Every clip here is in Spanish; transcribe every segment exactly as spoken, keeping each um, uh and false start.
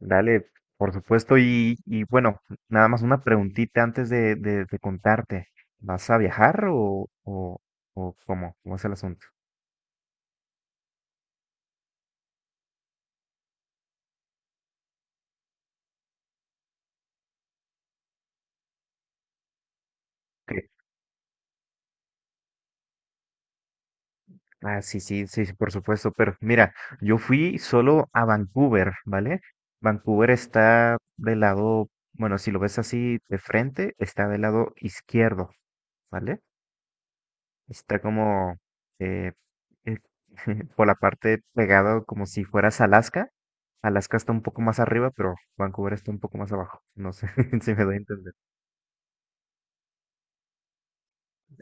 Dale, por supuesto. Y, y bueno, nada más una preguntita antes de, de, de contarte. ¿Vas a viajar o, o, o cómo? ¿Cómo es el asunto? ¿Qué? Ah, sí, sí, sí, sí, por supuesto. Pero mira, yo fui solo a Vancouver, ¿vale? Vancouver está del lado, bueno, si lo ves así de frente, está del lado izquierdo, ¿vale? Está como eh, eh, por la parte pegado como si fueras Alaska. Alaska está un poco más arriba, pero Vancouver está un poco más abajo. No sé si me doy a entender.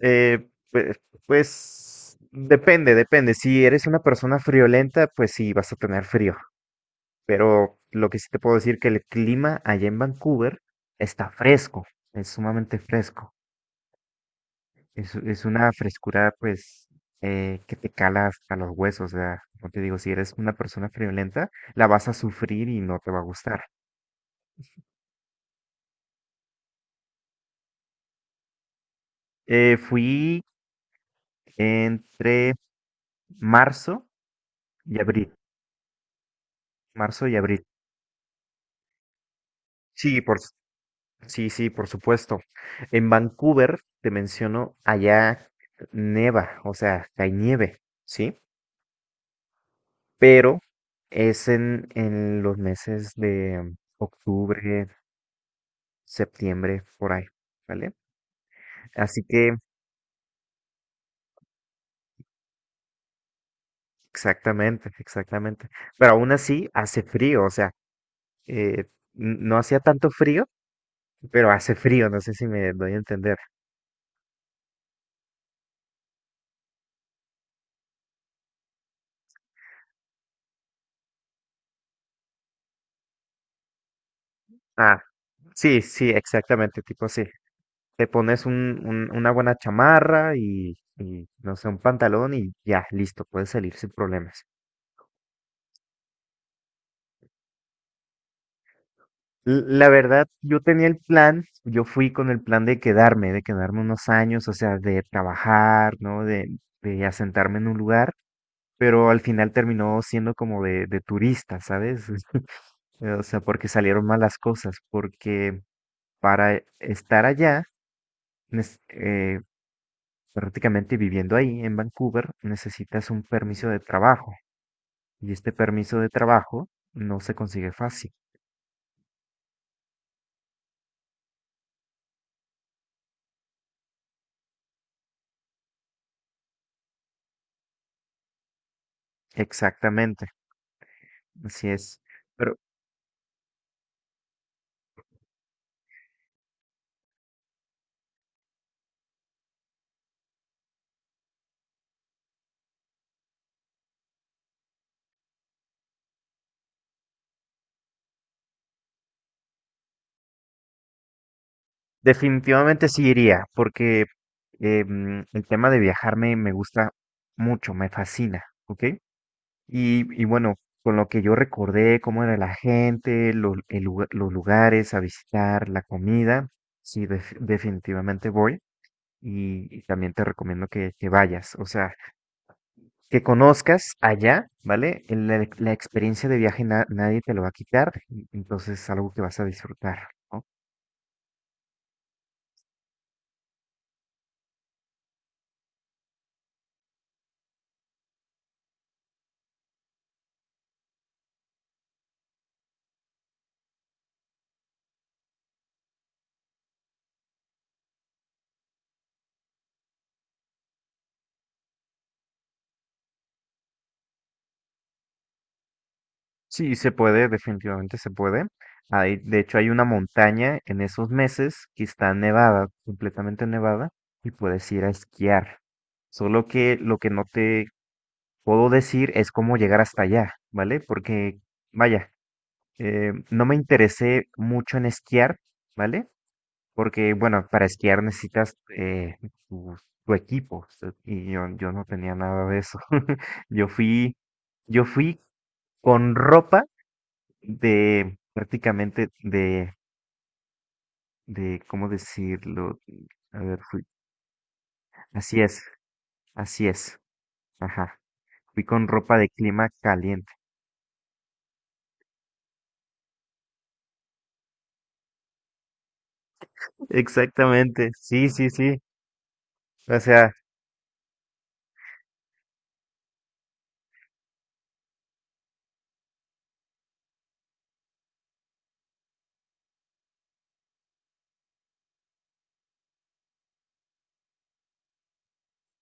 Eh, pues, pues, depende, depende. Si eres una persona friolenta, pues sí, vas a tener frío. Pero lo que sí te puedo decir que el clima allá en Vancouver está fresco, es sumamente fresco. Es, es una frescura, pues, eh, que te cala hasta los huesos. O sea, como te digo, si eres una persona friolenta, la vas a sufrir y no te va a gustar. Eh, fui entre marzo y abril. Marzo y abril. Sí, por, s- sí, sí, por supuesto. En Vancouver, te menciono, allá neva, o sea, hay nieve, ¿sí? Pero es en, en los meses de octubre, septiembre, por ahí, ¿vale? Así que, exactamente, exactamente. Pero aún así hace frío, o sea, eh, n- no hacía tanto frío, pero hace frío, no sé si me doy a entender. Ah, sí, sí, exactamente, tipo así. Te pones un, un- una buena chamarra y, y, no sé, un pantalón y ya, listo, puedes salir sin problemas. L- La verdad, yo tenía el plan, yo fui con el plan de quedarme, de quedarme unos años, o sea, de trabajar, ¿no? De, de asentarme en un lugar, pero al final terminó siendo como de, de turista, ¿sabes? Es- O sea, porque salieron malas cosas, porque para e, estar allá, nes- eh, prácticamente viviendo ahí en Vancouver, necesitas un permiso de trabajo y este permiso de trabajo no se consigue fácil. Exactamente, así es. Pero definitivamente sí iría, porque eh, mm, el tema de viajar me, me gusta mucho, me fascina, ¿ok? Y, y bueno, con lo que yo recordé, cómo era la gente, los, el lugar- los lugares a visitar, la comida, sí, def- definitivamente voy. Y, y también te recomiendo que, que vayas, o sea, que conozcas allá, ¿vale? El- La, la experiencia de viaje na- nadie te lo va a quitar, y- entonces es algo que vas a disfrutar, ¿no? Sí, se puede, definitivamente se puede. Hay, de hecho, hay una montaña en esos meses que está nevada, completamente nevada, y puedes ir a esquiar. Solo que lo que no te puedo decir es cómo llegar hasta allá, ¿vale? Porque, vaya, eh, no me interesé mucho en esquiar, ¿vale? Porque, bueno, para esquiar necesitas eh, tu, tu equipo, o sea, y yo, yo no tenía nada de eso. Yo fui, yo fui con ropa de prácticamente de, de, ¿cómo decirlo? A ver, fui. Así es, así es. Ajá. Fui con ropa de clima caliente. Exactamente, sí, sí, sí. O sea,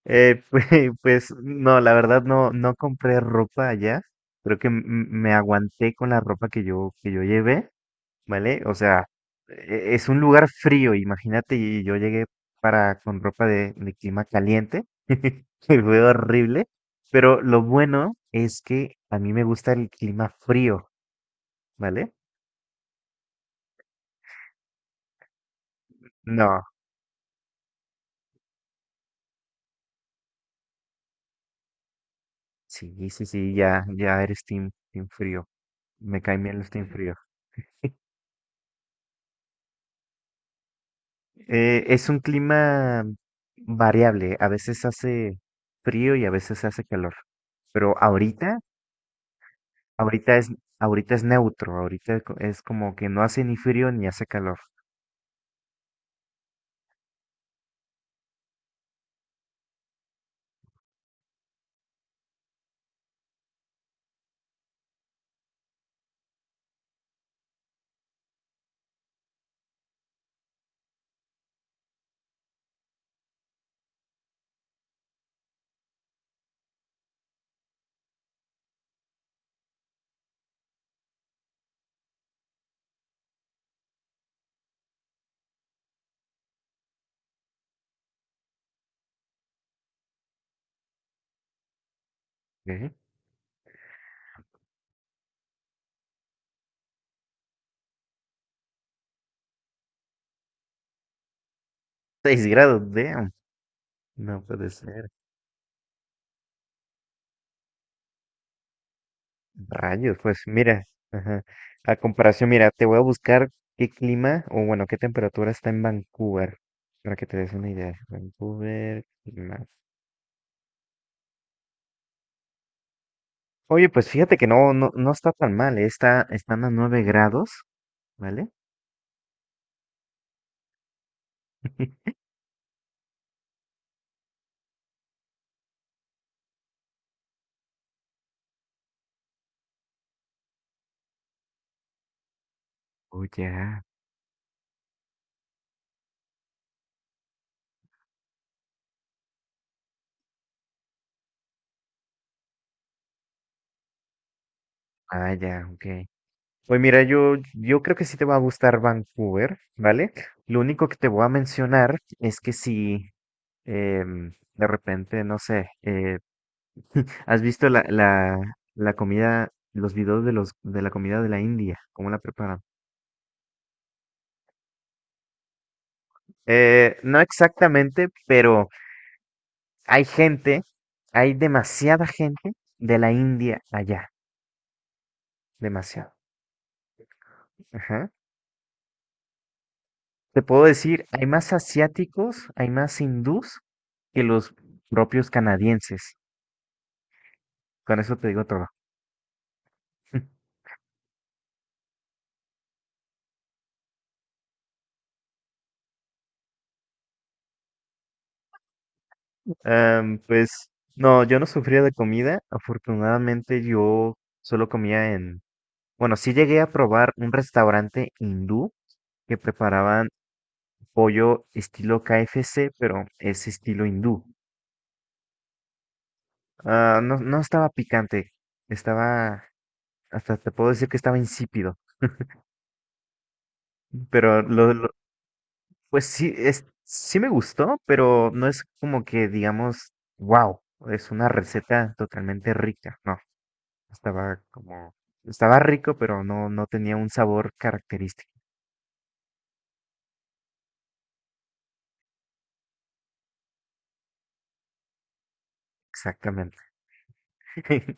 eh, pues, pues, no, la verdad no, no compré ropa allá. Creo que m- me aguanté con la ropa que yo, que yo llevé. ¿Vale? O sea, e- es un lugar frío, imagínate, y yo llegué para con ropa de, de clima caliente, que fue horrible, pero lo bueno es que a mí me gusta el clima frío, ¿vale? No, sí, sí, sí, ya, ya eres team, team frío, me caen bien los team frío. Eh, es un clima variable, a veces hace frío y a veces hace calor, pero ahorita Ahorita es, ahorita es neutro, ahorita co- es como que no hace ni frío ni hace calor. ¿Qué? seis grados, damn. No puede ser. Rayos, pues mira, ajá. A comparación, mira, te voy a buscar qué clima o bueno, qué temperatura está en Vancouver, para que te des una idea. Vancouver, clima. Oye, pues fíjate que no, no, no está tan mal, eh. Está, están a nueve grados, ¿vale? Oh, ya. Ah, ya, ok. Pues mira, yo, yo creo que sí te va a gustar Vancouver, ¿vale? Lo único que te voy a mencionar es que si em, de repente, no sé, eh, ¿has visto la, la, la comida, los videos de los de la comida de la India? ¿Cómo la preparan? Eh, no exactamente, pero hay gente, hay demasiada gente de la India allá, demasiado. Ajá. Te puedo decir, hay más asiáticos, hay más hindús que los propios canadienses. Con eso te digo todo. Em, pues no, yo no sufría de comida. Afortunadamente yo solo comía en... Bueno, sí llegué a probar un restaurante hindú que preparaban pollo estilo K F C, pero es estilo hindú. Ah, no, no estaba picante, estaba... Hasta te puedo decir que estaba insípido. Pero lo, lo- pues sí, es, sí me gustó, pero no es como que digamos, wow, es una receta totalmente rica, no. Estaba como, estaba rico, pero no, no tenía un sabor característico, exactamente.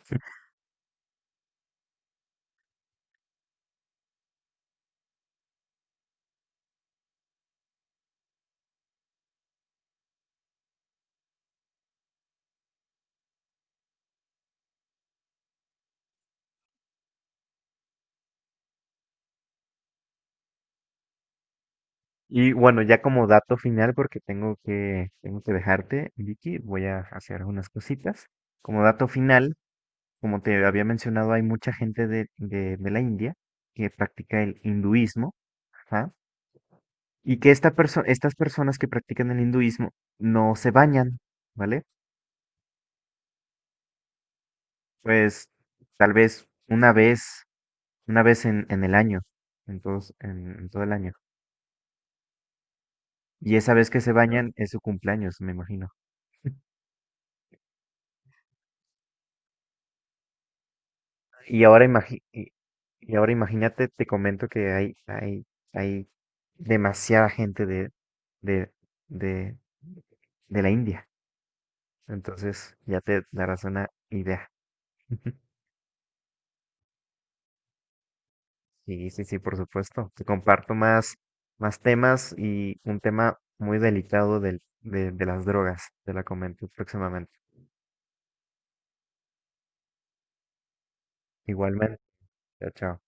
Y bueno, ya como dato final, porque tengo que, tengo que dejarte, Vicky, voy a hacer unas cositas. Como dato final, como te había mencionado, hay mucha gente de, de, de la India que practica el hinduismo, ajá. Y que esta perso- estas personas que practican el hinduismo no se bañan, ¿vale? Pues tal vez una vez. Una vez en, en el año, en todos, en, en todo el año. Y esa vez que se bañan es su cumpleaños, me imagino. Y ahora imagi- y, y ahora imagínate, te comento que hay, hay, hay demasiada gente de, de, de, de la India. Entonces, ya te darás una idea. Sí, sí, sí, por supuesto. Te comparto más, más temas y un tema muy delicado del, de, de las drogas. Te la comento próximamente. Igualmente. Chao, chao.